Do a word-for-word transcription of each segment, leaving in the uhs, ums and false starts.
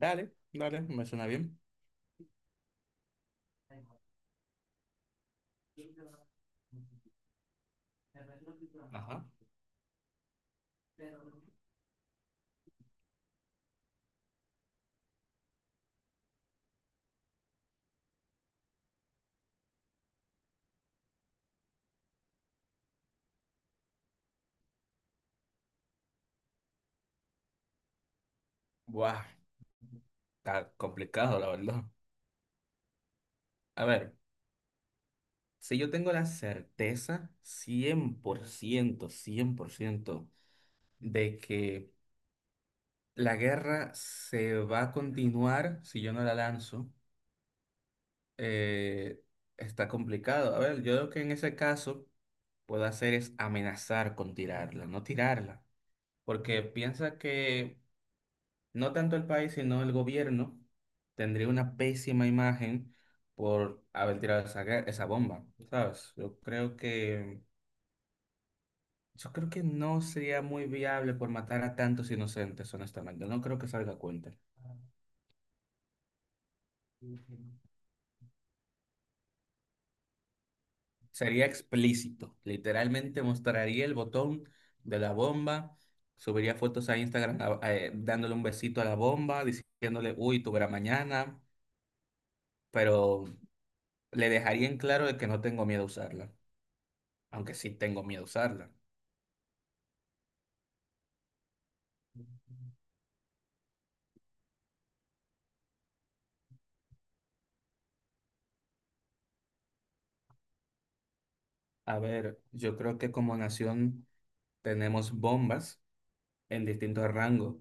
Dale, dale, me suena bien. Ajá. Buah, está complicado, la verdad. A ver, si yo tengo la certeza cien cien por ciento, cien por ciento de que la guerra se va a continuar si yo no la lanzo, eh, está complicado. A ver, yo lo que en ese caso puedo hacer es amenazar con tirarla, no tirarla. Porque piensa que no tanto el país, sino el gobierno, tendría una pésima imagen por haber tirado esa, gue- esa bomba, ¿sabes? Yo creo que, yo creo que no sería muy viable por matar a tantos inocentes, honestamente. No creo que salga a cuenta. Sería explícito. Literalmente mostraría el botón de la bomba, subiría fotos a Instagram a- eh, dándole un besito a la bomba, diciéndole, uy, tú verás mañana, pero le dejaría en claro de que no tengo miedo a usarla aunque sí tengo miedo a usarla. A ver, yo creo que como nación tenemos bombas en distintos rangos.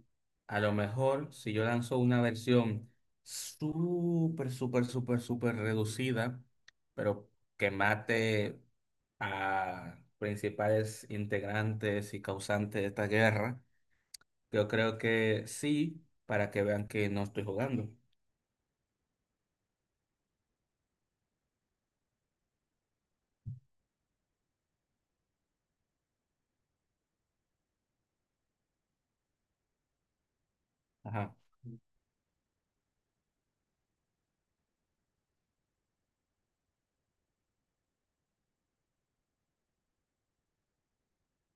A lo mejor si yo lanzo una versión súper, súper, súper, súper reducida, pero que mate a principales integrantes y causantes de esta guerra, yo creo que sí, para que vean que no estoy jugando. Ajá.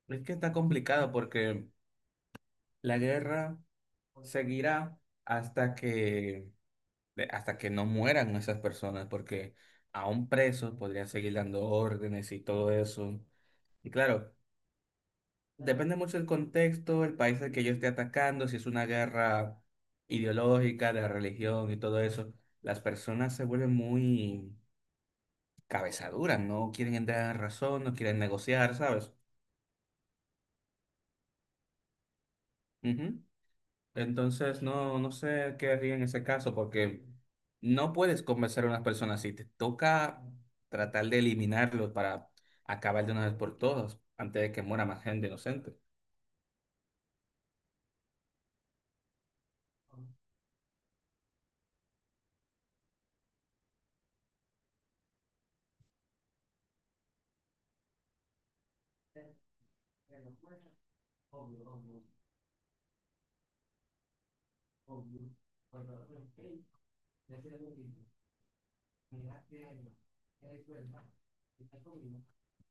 Es que está complicado porque la guerra seguirá hasta que de- hasta que no mueran esas personas, porque aún presos podrían seguir dando órdenes y todo eso. Y claro, depende mucho del contexto, el país al que yo esté atacando, si es una guerra ideológica, de religión y todo eso, las personas se vuelven muy cabezaduras, no quieren entrar en razón, no quieren negociar, ¿sabes? Ujú. Entonces, no, no sé qué haría en ese caso, porque no puedes convencer a unas personas así. Te toca tratar de eliminarlos para acabar de una vez por todas, antes de que muera más gente inocente.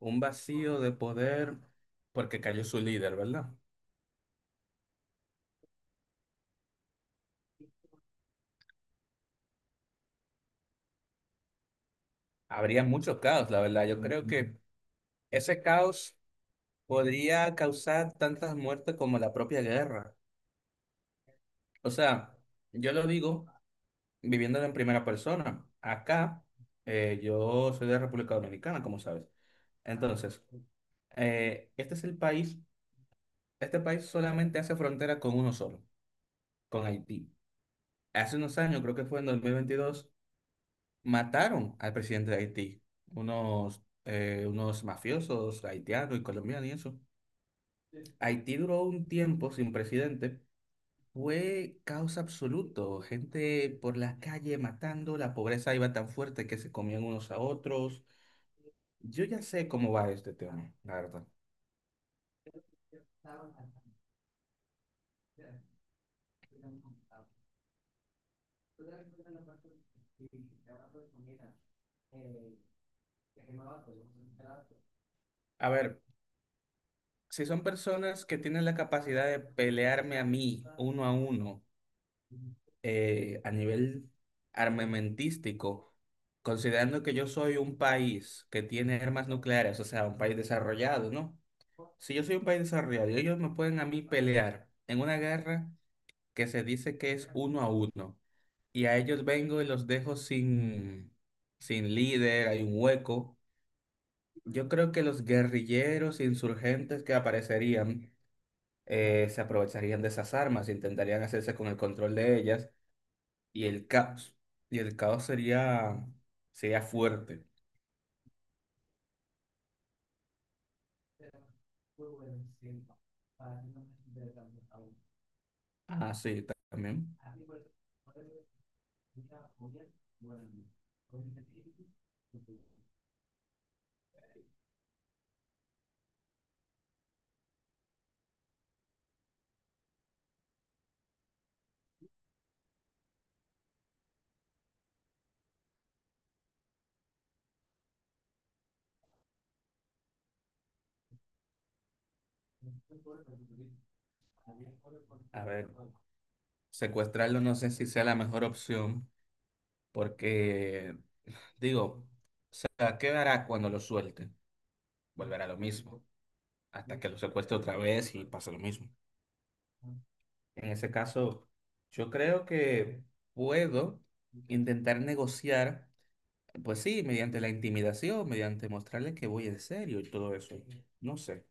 Un vacío de poder porque cayó su líder, ¿verdad? Habría mucho caos, la verdad. Yo creo que ese caos podría causar tantas muertes como la propia guerra. O sea, yo lo digo viviéndolo en primera persona. Acá, eh, yo soy de República Dominicana, como sabes. Entonces, eh, este es el país, este país solamente hace frontera con uno solo, con Haití. Hace unos años, creo que fue en dos mil veintidós mataron al presidente de Haití, unos, eh, unos mafiosos haitianos y colombianos y eso. Haití duró un tiempo sin presidente. Fue caos absoluto, gente por las calles matando, la pobreza iba tan fuerte que se comían unos a otros. Yo ya sé cómo va este tema, la verdad. A ver, si son personas que tienen la capacidad de pelearme a mí uno a uno, eh, a nivel armamentístico, considerando que yo soy un país que tiene armas nucleares, o sea, un país desarrollado, ¿no? Si yo soy un país desarrollado y ellos me pueden a mí pelear en una guerra que se dice que es uno a uno, y a ellos vengo y los dejo sin, sin líder, hay un hueco. Yo creo que los guerrilleros insurgentes que aparecerían eh, se aprovecharían de esas armas, intentarían hacerse con el control de ellas y el caos. Y el caos sería, sería fuerte. Ah, sí, ta- también. A ver, secuestrarlo no sé si sea la mejor opción, porque, digo, o sea, ¿qué hará cuando lo suelte? Volverá a lo mismo, hasta que lo secuestre otra vez y pasa lo mismo. En ese caso, yo creo que puedo intentar negociar, pues sí, mediante la intimidación, mediante mostrarle que voy en serio y todo eso. No sé.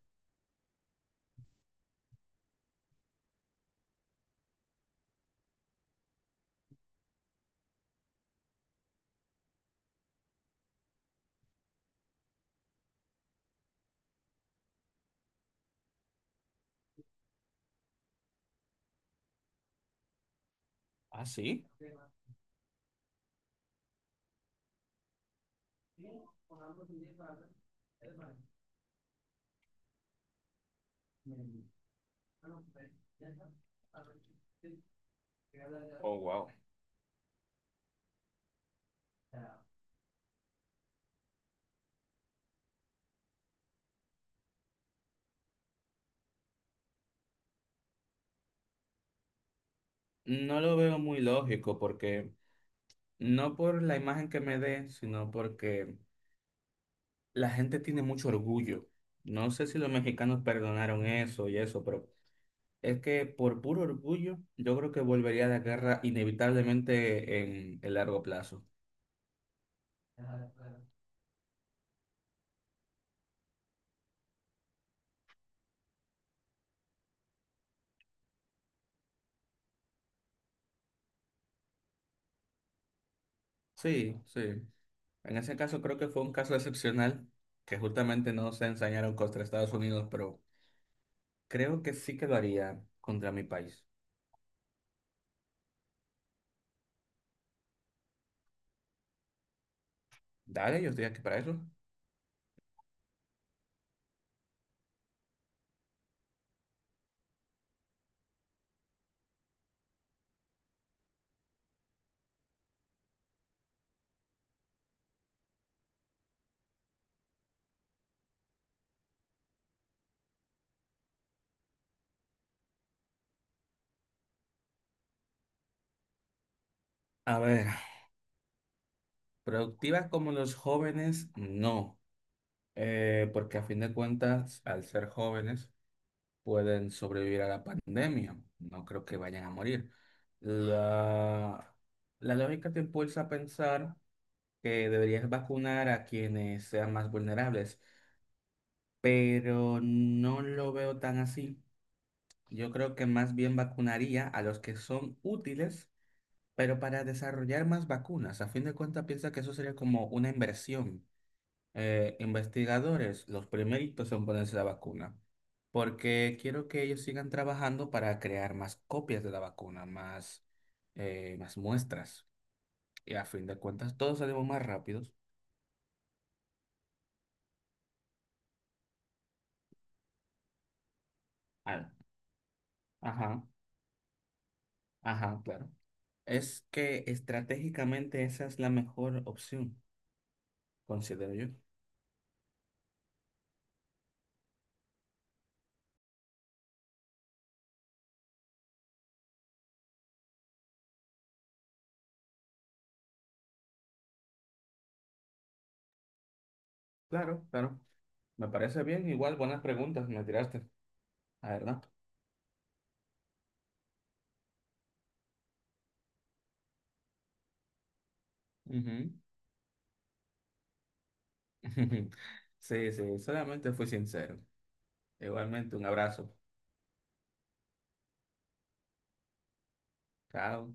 ¿Ah, sí? Oh, wow. No lo veo muy lógico porque no por la imagen que me dé, sino porque la gente tiene mucho orgullo. No sé si los mexicanos perdonaron eso y eso, pero es que por puro orgullo yo creo que volvería a la guerra inevitablemente en el largo plazo. Sí, sí. En ese caso creo que fue un caso excepcional que justamente no se ensañaron contra Estados Unidos, pero creo que sí que lo haría contra mi país. Dale, yo estoy aquí para eso. A ver, productivas como los jóvenes, no. Eh, porque a fin de cuentas, al ser jóvenes, pueden sobrevivir a la pandemia. No creo que vayan a morir. La, la lógica te impulsa a pensar que deberías vacunar a quienes sean más vulnerables, pero no lo veo tan así. Yo creo que más bien vacunaría a los que son útiles, pero para desarrollar más vacunas. A fin de cuentas, piensa que eso sería como una inversión. Eh, investigadores, los primeritos en ponerse la vacuna, porque quiero que ellos sigan trabajando para crear más copias de la vacuna, más, eh, más muestras. Y a fin de cuentas, todos salimos más rápidos. Ah, ajá, ajá, claro. Es que estratégicamente esa es la mejor opción, considero yo. Claro, claro. Me parece bien. Igual, buenas preguntas me tiraste, la verdad. Ujú. Sí, sí, solamente fui sincero. Igualmente, un abrazo. Chao.